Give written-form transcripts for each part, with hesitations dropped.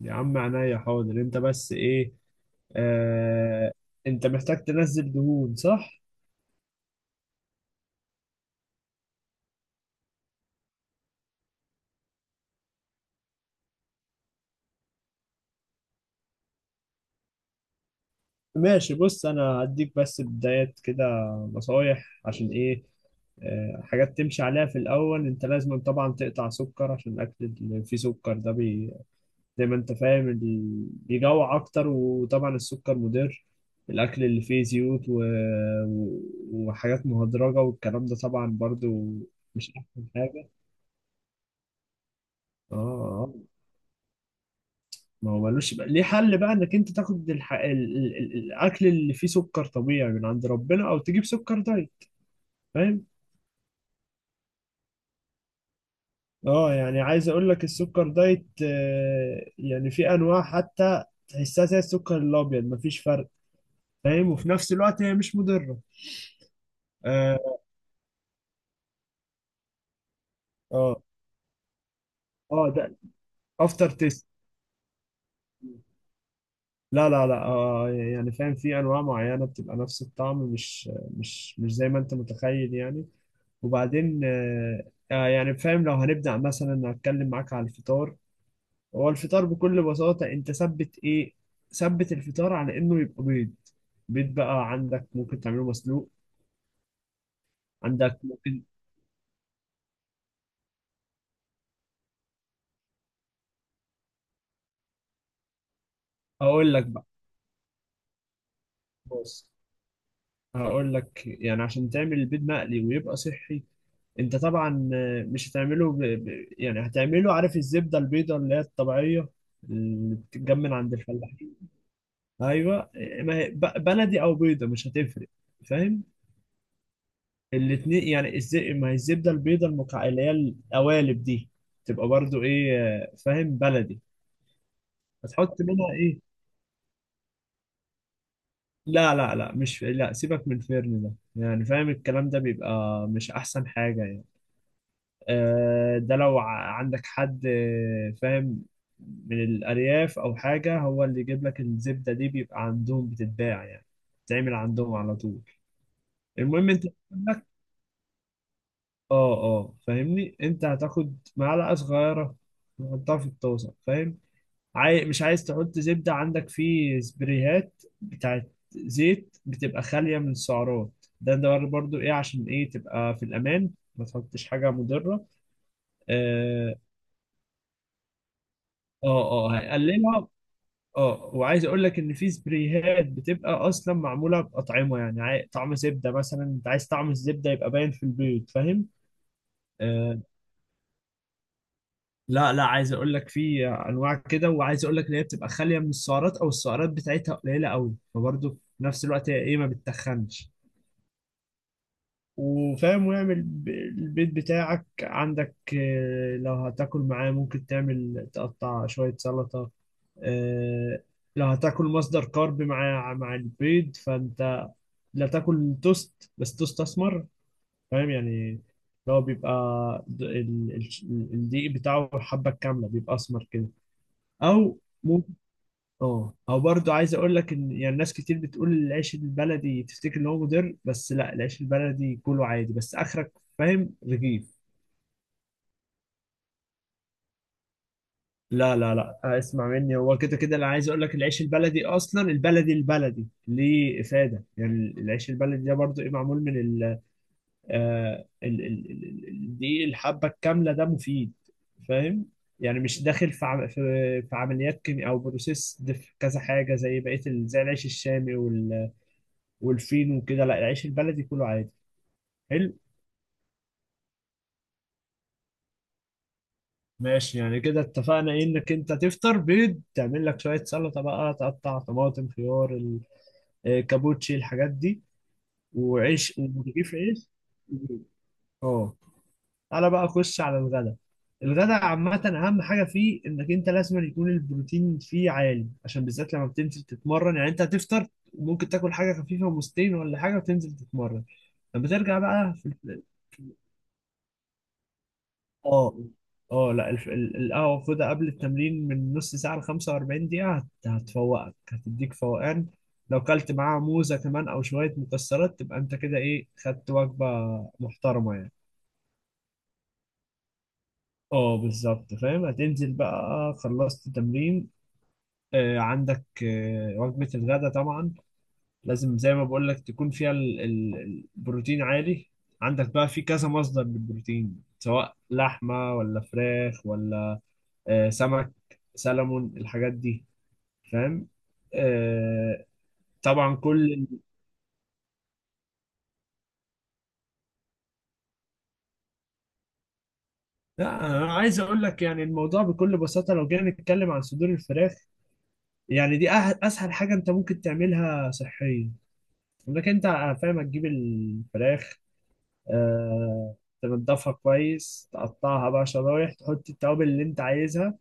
يا عم عينيا حاضر. انت بس ايه؟ آه انت محتاج تنزل دهون، صح؟ ماشي، بص انا هديك بس بدايات كده، نصايح عشان ايه. حاجات تمشي عليها في الاول. انت لازم طبعا تقطع سكر، عشان الاكل اللي فيه سكر ده بي زي ما انت فاهم بيجوع اكتر، وطبعا السكر مضر. الاكل اللي فيه زيوت و... وحاجات مهدرجة والكلام ده طبعا برضو مش احسن حاجة. اه آه. ما هو ملوش بقى ليه حل بقى، انك انت تاخد الح... ال... ال... ال- الاكل اللي فيه سكر طبيعي من عند ربنا، او تجيب سكر دايت، فاهم؟ اه، يعني عايز اقول لك السكر دايت يعني في انواع حتى تحسها زي السكر الابيض، مفيش فرق، فاهم؟ وفي نفس الوقت هي مش مضره. اه اه اه ده افتر تيست؟ لا لا لا، يعني فاهم، في انواع معينه بتبقى نفس الطعم، مش زي ما انت متخيل يعني. وبعدين يعني فاهم، لو هنبدأ مثلا هتكلم معاك على الفطار. هو الفطار بكل بساطة انت ثبت ايه؟ ثبت الفطار على انه يبقى بيض. بيض بقى عندك ممكن تعمله مسلوق، عندك ممكن. اقول لك بقى، بص هقول لك يعني عشان تعمل البيض مقلي ويبقى صحي. انت طبعا مش هتعمله يعني هتعمله، عارف الزبدة البيضة اللي هي الطبيعية، اللي بتتجمن عند الفلاحين؟ ايوه، ما هي بلدي او بيضة مش هتفرق، فاهم؟ الاتنين يعني ما هي الزبده البيضه اللي هي القوالب دي، تبقى برضو ايه فاهم، بلدي. هتحط منها ايه؟ لا لا لا، مش، لا سيبك من الفرن ده، يعني فاهم الكلام ده بيبقى مش احسن حاجه يعني. ده لو عندك حد فاهم، من الارياف او حاجه، هو اللي يجيب لك الزبده دي، بيبقى عندهم بتتباع يعني، بتتعمل عندهم على طول. المهم انت، اه اه فاهمني، انت هتاخد معلقه صغيره تحطها في الطاسه، فاهم؟ مش عايز تحط زبده. عندك في سبريهات بتاعت زيت بتبقى خاليه من السعرات، ده ده برضو ايه عشان ايه، تبقى في الامان، ما تحطش حاجه مضره. اه اه هيقللها. اه، وعايز اقول لك ان في سبريهات بتبقى اصلا معموله باطعمه، يعني طعم زبده مثلا، انت عايز طعم الزبده يبقى باين في البيض، فاهم؟ آه، لا لا، عايز اقول لك في انواع كده، وعايز اقول لك ان هي بتبقى خاليه من السعرات، او السعرات بتاعتها قليله قوي، فبرضه في نفس الوقت هي ايه، ما بتتخنش. وفاهم، ويعمل البيت بتاعك، عندك لو هتاكل معاه، ممكن تعمل تقطع شويه سلطه. آه، لو هتاكل مصدر كارب مع البيض، فانت لا تاكل توست، بس توست اسمر. فاهم، يعني اللي هو بيبقى الدقيق بتاعه الحبه الكامله بيبقى اسمر كده. او ممكن، اه، او برضو عايز اقول لك ان، يعني ناس كتير بتقول العيش البلدي، تفتكر ان هو مضر، بس لا، العيش البلدي كله عادي، بس اخرك، فاهم، رغيف. لا لا لا، اسمع مني، هو كده كده، انا عايز اقول لك العيش البلدي اصلا، البلدي البلدي ليه افاده. يعني العيش البلدي ده برضو ايه، معمول من ال آه ال ال ال ال- الدقيق الحبه الكامله، ده مفيد، فاهم؟ يعني مش داخل في في عمليات كيمياء او بروسيس، كذا حاجه زي بقيه زي العيش الشامي والفين وكده، لا العيش البلدي كله عادي. حلو، ماشي، يعني كده اتفقنا ايه، انك انت تفطر بيض، تعمل لك شوية سلطة بقى، تقطع طماطم، خيار، كابوتشي، الحاجات دي، وعيش، ورغيف عيش. اه، تعالى بقى اخش على الغدا. الغدا عامة أهم حاجة فيه إنك أنت لازم يكون البروتين فيه عالي، عشان بالذات لما بتنزل تتمرن. يعني أنت هتفطر، ممكن تاكل حاجة خفيفة ومستين ولا حاجة وتنزل تتمرن. لما ترجع بقى في، اه اه لا القهوة خدها قبل التمرين من نص ساعة ل 45 دقيقة، هتفوقك، هتديك فوقان. لو كلت معاها موزة كمان أو شوية مكسرات، تبقى أنت كده إيه، خدت وجبة محترمة يعني. اه بالظبط، فاهم، هتنزل بقى، خلصت تمرين، عندك وجبة الغداء طبعا لازم زي ما بقول لك تكون فيها البروتين عالي. عندك بقى في كذا مصدر للبروتين، سواء لحمة ولا فراخ ولا سمك، سلمون، الحاجات دي، فاهم. آه، طبعا كل، لا انا عايز اقول لك يعني الموضوع بكل بساطه، لو جينا نتكلم عن صدور الفراخ، يعني دي اسهل حاجه انت ممكن تعملها صحيا. انك انت فاهم، تجيب الفراخ، آه، تنضفها كويس، تقطعها بقى شرايح، تحط التوابل اللي انت عايزها،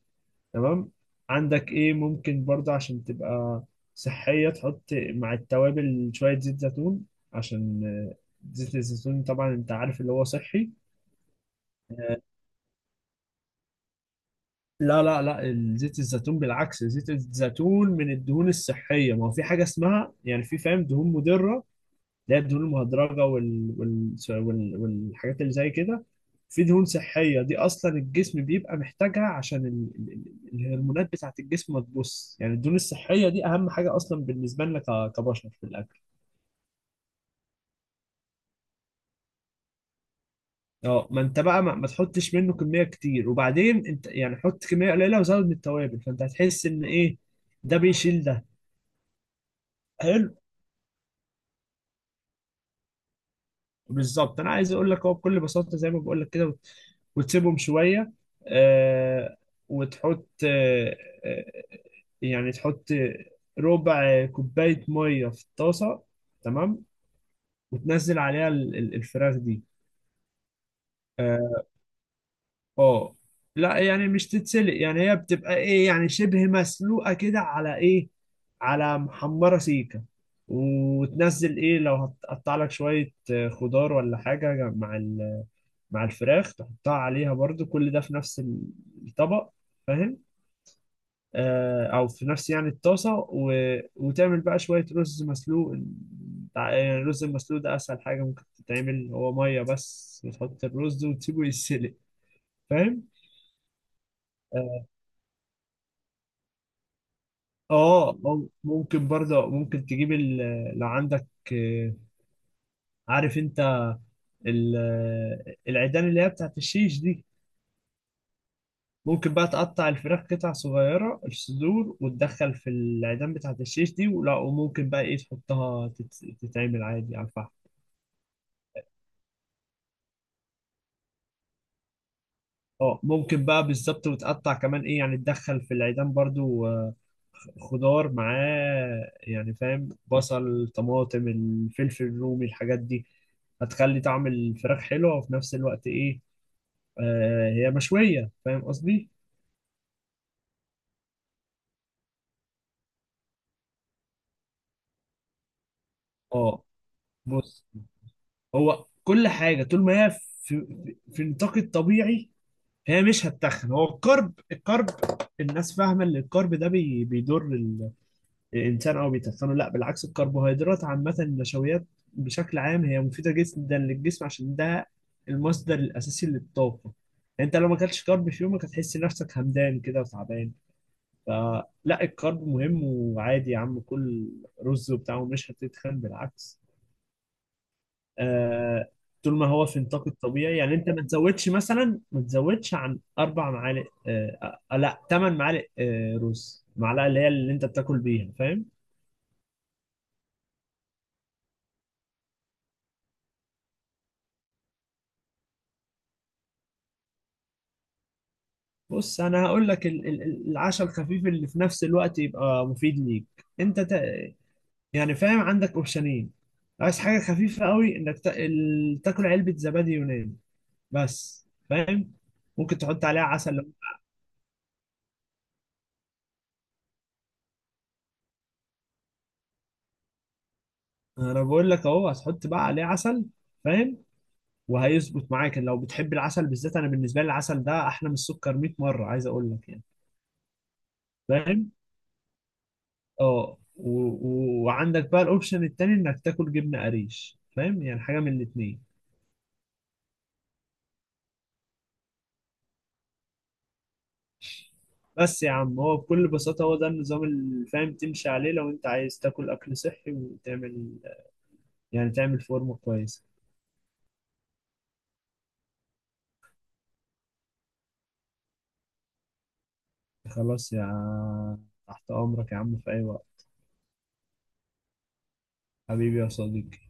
تمام؟ عندك ايه، ممكن برضه عشان تبقى صحية، تحط مع التوابل شوية زيت زيتون، عشان آه، زيت الزيتون طبعا انت عارف اللي هو صحي. آه، لا لا لا، زيت الزيتون بالعكس، زيت الزيتون من الدهون الصحية. ما هو في حاجة اسمها، يعني في فاهم، دهون مضرة، اللي هي الدهون المهدرجه والحاجات اللي زي كده. في دهون صحيه، دي اصلا الجسم بيبقى محتاجها عشان الهرمونات بتاعه الجسم. ما تبص يعني، الدهون الصحيه دي اهم حاجه اصلا بالنسبه لنا كبشر في الاكل. اه، ما انت بقى ما تحطش منه كميه كتير، وبعدين انت يعني حط كميه قليله وزود من التوابل، فانت هتحس ان ايه، ده بيشيل ده. حلو، بالظبط، انا عايز اقول لك هو بكل بساطه زي ما بقول لك كده، وتسيبهم شويه، آه وتحط آه، يعني تحط ربع كوبايه ميه في الطاسه، تمام، وتنزل عليها الفراخ دي. اه آه. لا يعني مش تتسلق، يعني هي بتبقى ايه، يعني شبه مسلوقه كده، على ايه، على محمره سيكه. وتنزل ايه لو هتقطع لك شويه خضار ولا حاجه مع مع الفراخ، تحطها عليها برضو، كل ده في نفس الطبق، فاهم، او في نفس يعني الطاسه. وتعمل بقى شويه رز مسلوق. يعني الرز المسلوق ده اسهل حاجه ممكن تتعمل، هو ميه بس، وتحط الرز وتسيبه يتسلق، فاهم؟ اه، ممكن برضه، ممكن تجيب لو عندك آه، عارف انت العيدان اللي هي بتاعت الشيش دي؟ ممكن بقى تقطع الفراخ قطع صغيرة، الصدور، وتدخل في العيدان بتاعة الشيش دي، ولا وممكن بقى ايه تحطها تتعمل عادي على الفحم. اه، ممكن بقى، بالظبط، وتقطع كمان ايه، يعني تدخل في العيدان برضو خضار معاه، يعني فاهم، بصل، طماطم، الفلفل الرومي، الحاجات دي، هتخلي طعم الفراخ حلو، وفي نفس الوقت ايه، هي مشوية، فاهم قصدي. اه، بص، هو كل حاجة طول ما هي في، في نطاق الطبيعي هي مش هتتخن. هو الكرب، الكرب الناس فاهمه ان الكرب ده بي بيضر الانسان او بيتخنه، لا بالعكس، الكربوهيدرات عامه، النشويات بشكل عام، هي مفيده جدا للجسم، عشان ده المصدر الاساسي للطاقه. انت لو ما اكلتش كرب في يومك هتحس نفسك همدان كده وتعبان. فلا، الكرب مهم، وعادي يا عم كل رز وبتاع ومش هتتخن، بالعكس. آه، طول ما هو في نطاق الطبيعي، يعني انت ما تزودش مثلا، ما تزودش عن اربع معالق، لا ثمان معالق، رز، معلقه اللي هي اللي انت بتاكل بيها، فاهم؟ بص انا هقول لك العشاء الخفيف اللي في نفس الوقت يبقى مفيد ليك، انت تا... يعني فاهم، عندك اوبشنين. عايز حاجه خفيفه قوي، انك تاكل علبه زبادي يوناني بس، فاهم، ممكن تحط عليها عسل. انا بقول لك اهو، هتحط بقى عليه عسل، فاهم، وهيظبط معاك لو بتحب العسل، بالذات انا بالنسبه لي العسل ده احلى من السكر 100 مره، عايز اقول لك يعني. فاهم، اه، وعندك بقى الاوبشن التاني، انك تاكل جبنه قريش، فاهم، يعني حاجه من الاتنين. بس يا عم، هو بكل بساطه، هو ده النظام اللي فاهم تمشي عليه لو انت عايز تاكل اكل صحي، وتعمل يعني، تعمل فورمه كويسه. خلاص يا، تحت امرك يا عم في اي وقت، حبيبي يا صديقي.